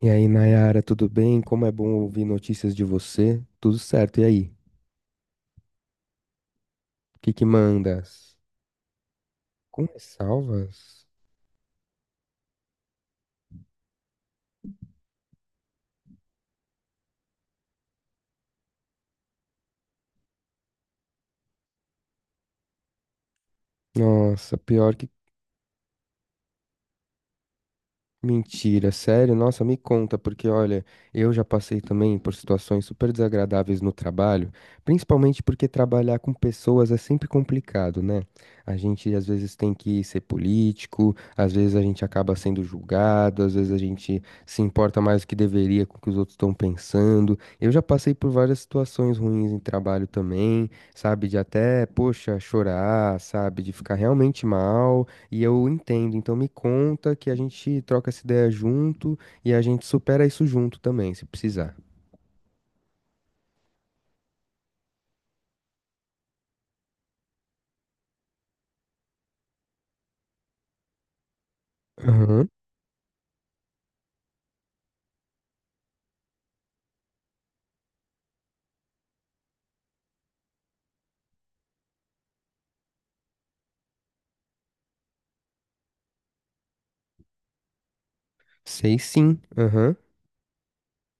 E aí, Nayara, tudo bem? Como é bom ouvir notícias de você? Tudo certo, e aí? O que que mandas? Com ressalvas? Nossa, pior que Mentira, sério? Nossa, me conta, porque olha, eu já passei também por situações super desagradáveis no trabalho, principalmente porque trabalhar com pessoas é sempre complicado, né? A gente às vezes tem que ser político, às vezes a gente acaba sendo julgado, às vezes a gente se importa mais do que deveria com o que os outros estão pensando. Eu já passei por várias situações ruins em trabalho também, sabe? De até, poxa, chorar, sabe? De ficar realmente mal. E eu entendo, então me conta que a gente troca essa ideia junto e a gente supera isso junto também, se precisar. Aham. Sei sim, aham.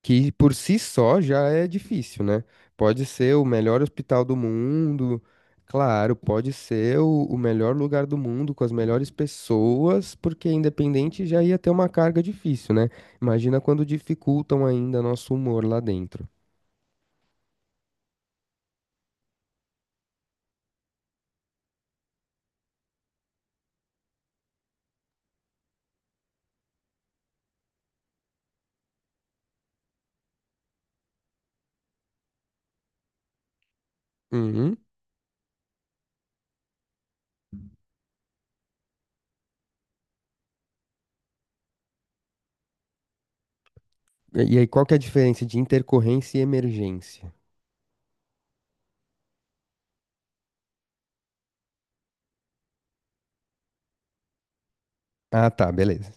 Que por si só já é difícil, né? Pode ser o melhor hospital do mundo, claro, pode ser o melhor lugar do mundo com as melhores pessoas, porque independente já ia ter uma carga difícil, né? Imagina quando dificultam ainda nosso humor lá dentro. Uhum. E aí, qual que é a diferença de intercorrência e emergência? Ah, tá, beleza.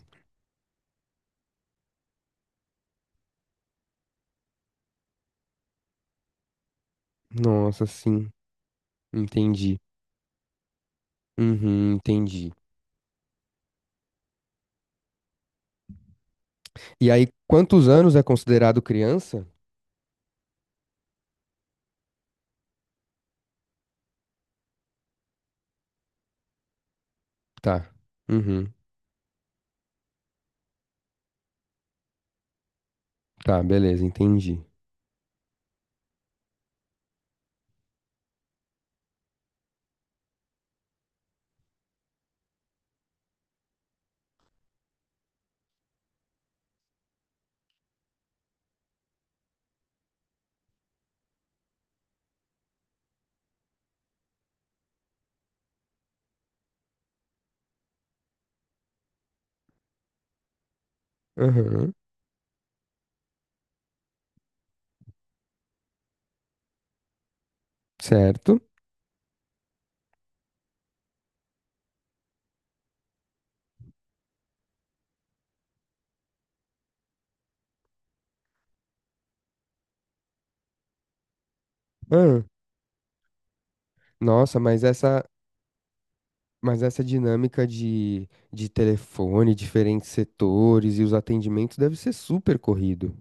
Nossa, sim, entendi. Uhum, entendi. E aí, quantos anos é considerado criança? Tá. Uhum, tá, beleza, entendi. Uhum, certo. Ah, nossa, mas essa dinâmica de telefone, diferentes setores e os atendimentos deve ser super corrido.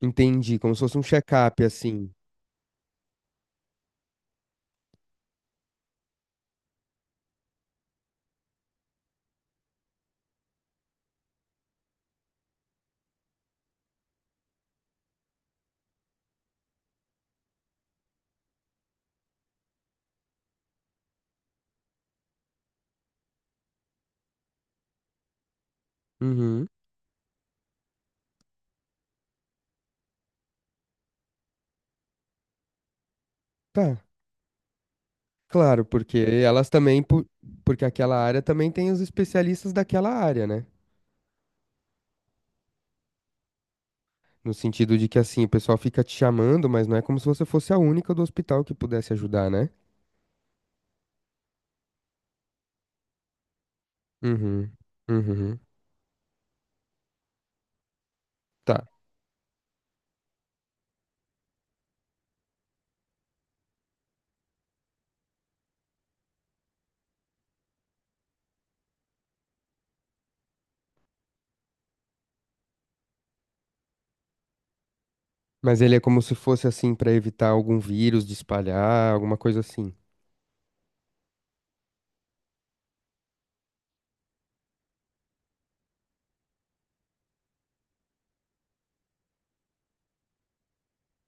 Entendi, como se fosse um check-up, assim. Uhum, tá. Claro, porque elas também, porque aquela área também tem os especialistas daquela área, né? No sentido de que, assim, o pessoal fica te chamando, mas não é como se você fosse a única do hospital que pudesse ajudar, né? Uhum, uhum, tá. Mas ele é como se fosse, assim, pra evitar algum vírus de espalhar, alguma coisa assim.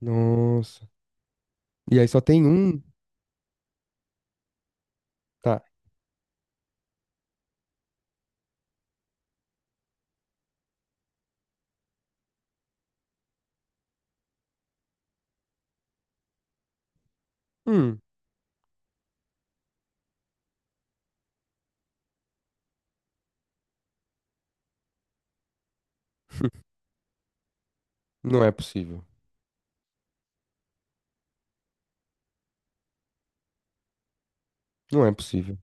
Nossa. E aí só tem um? Tá. Hum. Não é possível. Não é possível.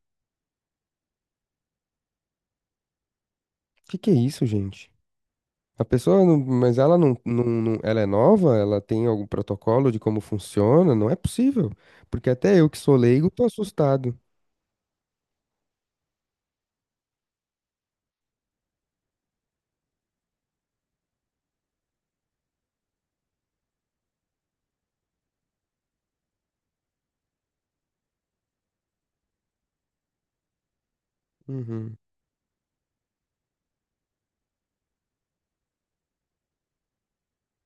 Que é isso, gente? A pessoa, mas ela ela é nova? Ela tem algum protocolo de como funciona? Não é possível. Porque até eu que sou leigo tô assustado. Uhum.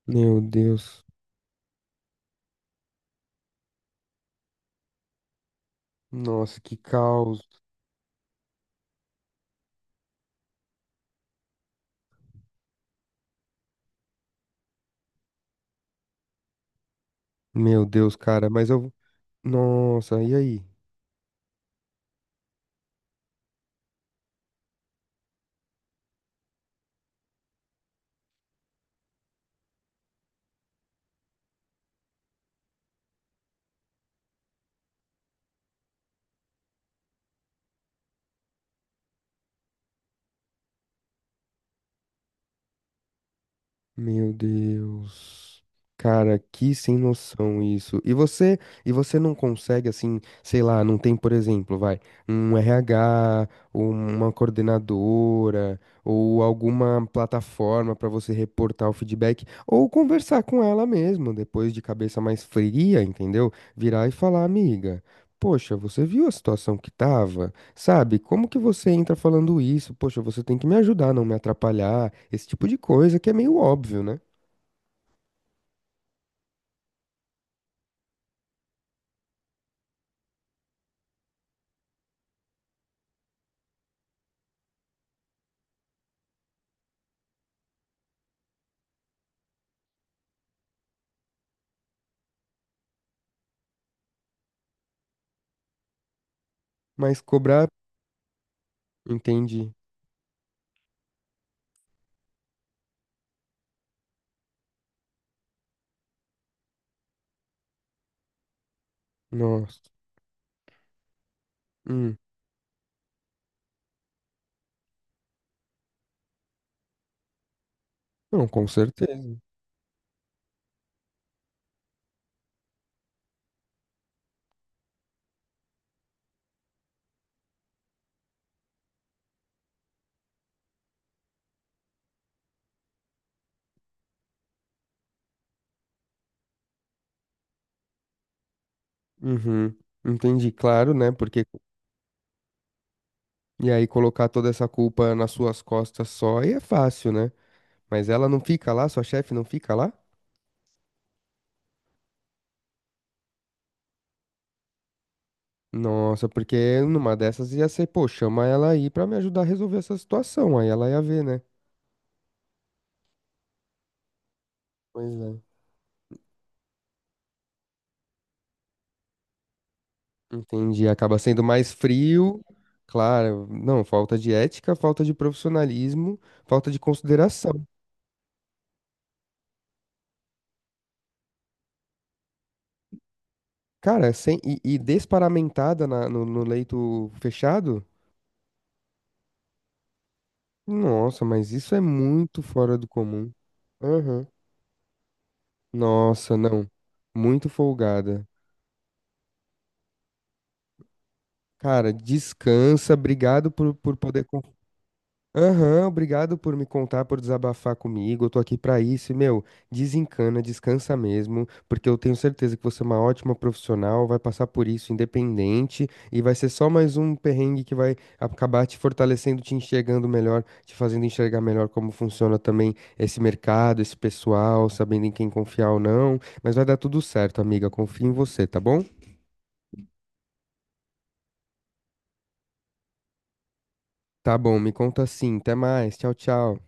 Meu Deus. Nossa, que caos. Meu Deus, cara, mas eu. Nossa, e aí? Meu Deus. Cara, que sem noção isso. E você não consegue assim, sei lá, não tem, por exemplo, vai, um RH, ou uma coordenadora, ou alguma plataforma pra você reportar o feedback, ou conversar com ela mesmo, depois de cabeça mais fria, entendeu? Virar e falar, amiga, poxa, você viu a situação que tava? Sabe, como que você entra falando isso? Poxa, você tem que me ajudar, não me atrapalhar. Esse tipo de coisa que é meio óbvio, né? Mas cobrar, entendi. Nossa. Hum. Não, com certeza. Uhum. Entendi, claro, né? Porque e aí colocar toda essa culpa nas suas costas só aí é fácil, né? Mas ela não fica lá, sua chefe não fica lá? Nossa, porque numa dessas ia ser, pô, chama ela aí pra me ajudar a resolver essa situação. Aí ela ia ver, né? Pois é. Entendi, acaba sendo mais frio, claro, não, falta de ética, falta de profissionalismo, falta de consideração. Cara, sem, e desparamentada no, no leito fechado? Nossa, mas isso é muito fora do comum. Aham. Nossa, não, muito folgada. Cara, descansa, obrigado por poder Aham, obrigado por me contar, por desabafar comigo. Eu tô aqui pra isso e, meu, desencana, descansa mesmo, porque eu tenho certeza que você é uma ótima profissional, vai passar por isso independente e vai ser só mais um perrengue que vai acabar te fortalecendo, te enxergando melhor, te fazendo enxergar melhor como funciona também esse mercado, esse pessoal, sabendo em quem confiar ou não. Mas vai dar tudo certo, amiga, confio em você, tá bom? Tá bom, me conta assim. Até mais. Tchau, tchau.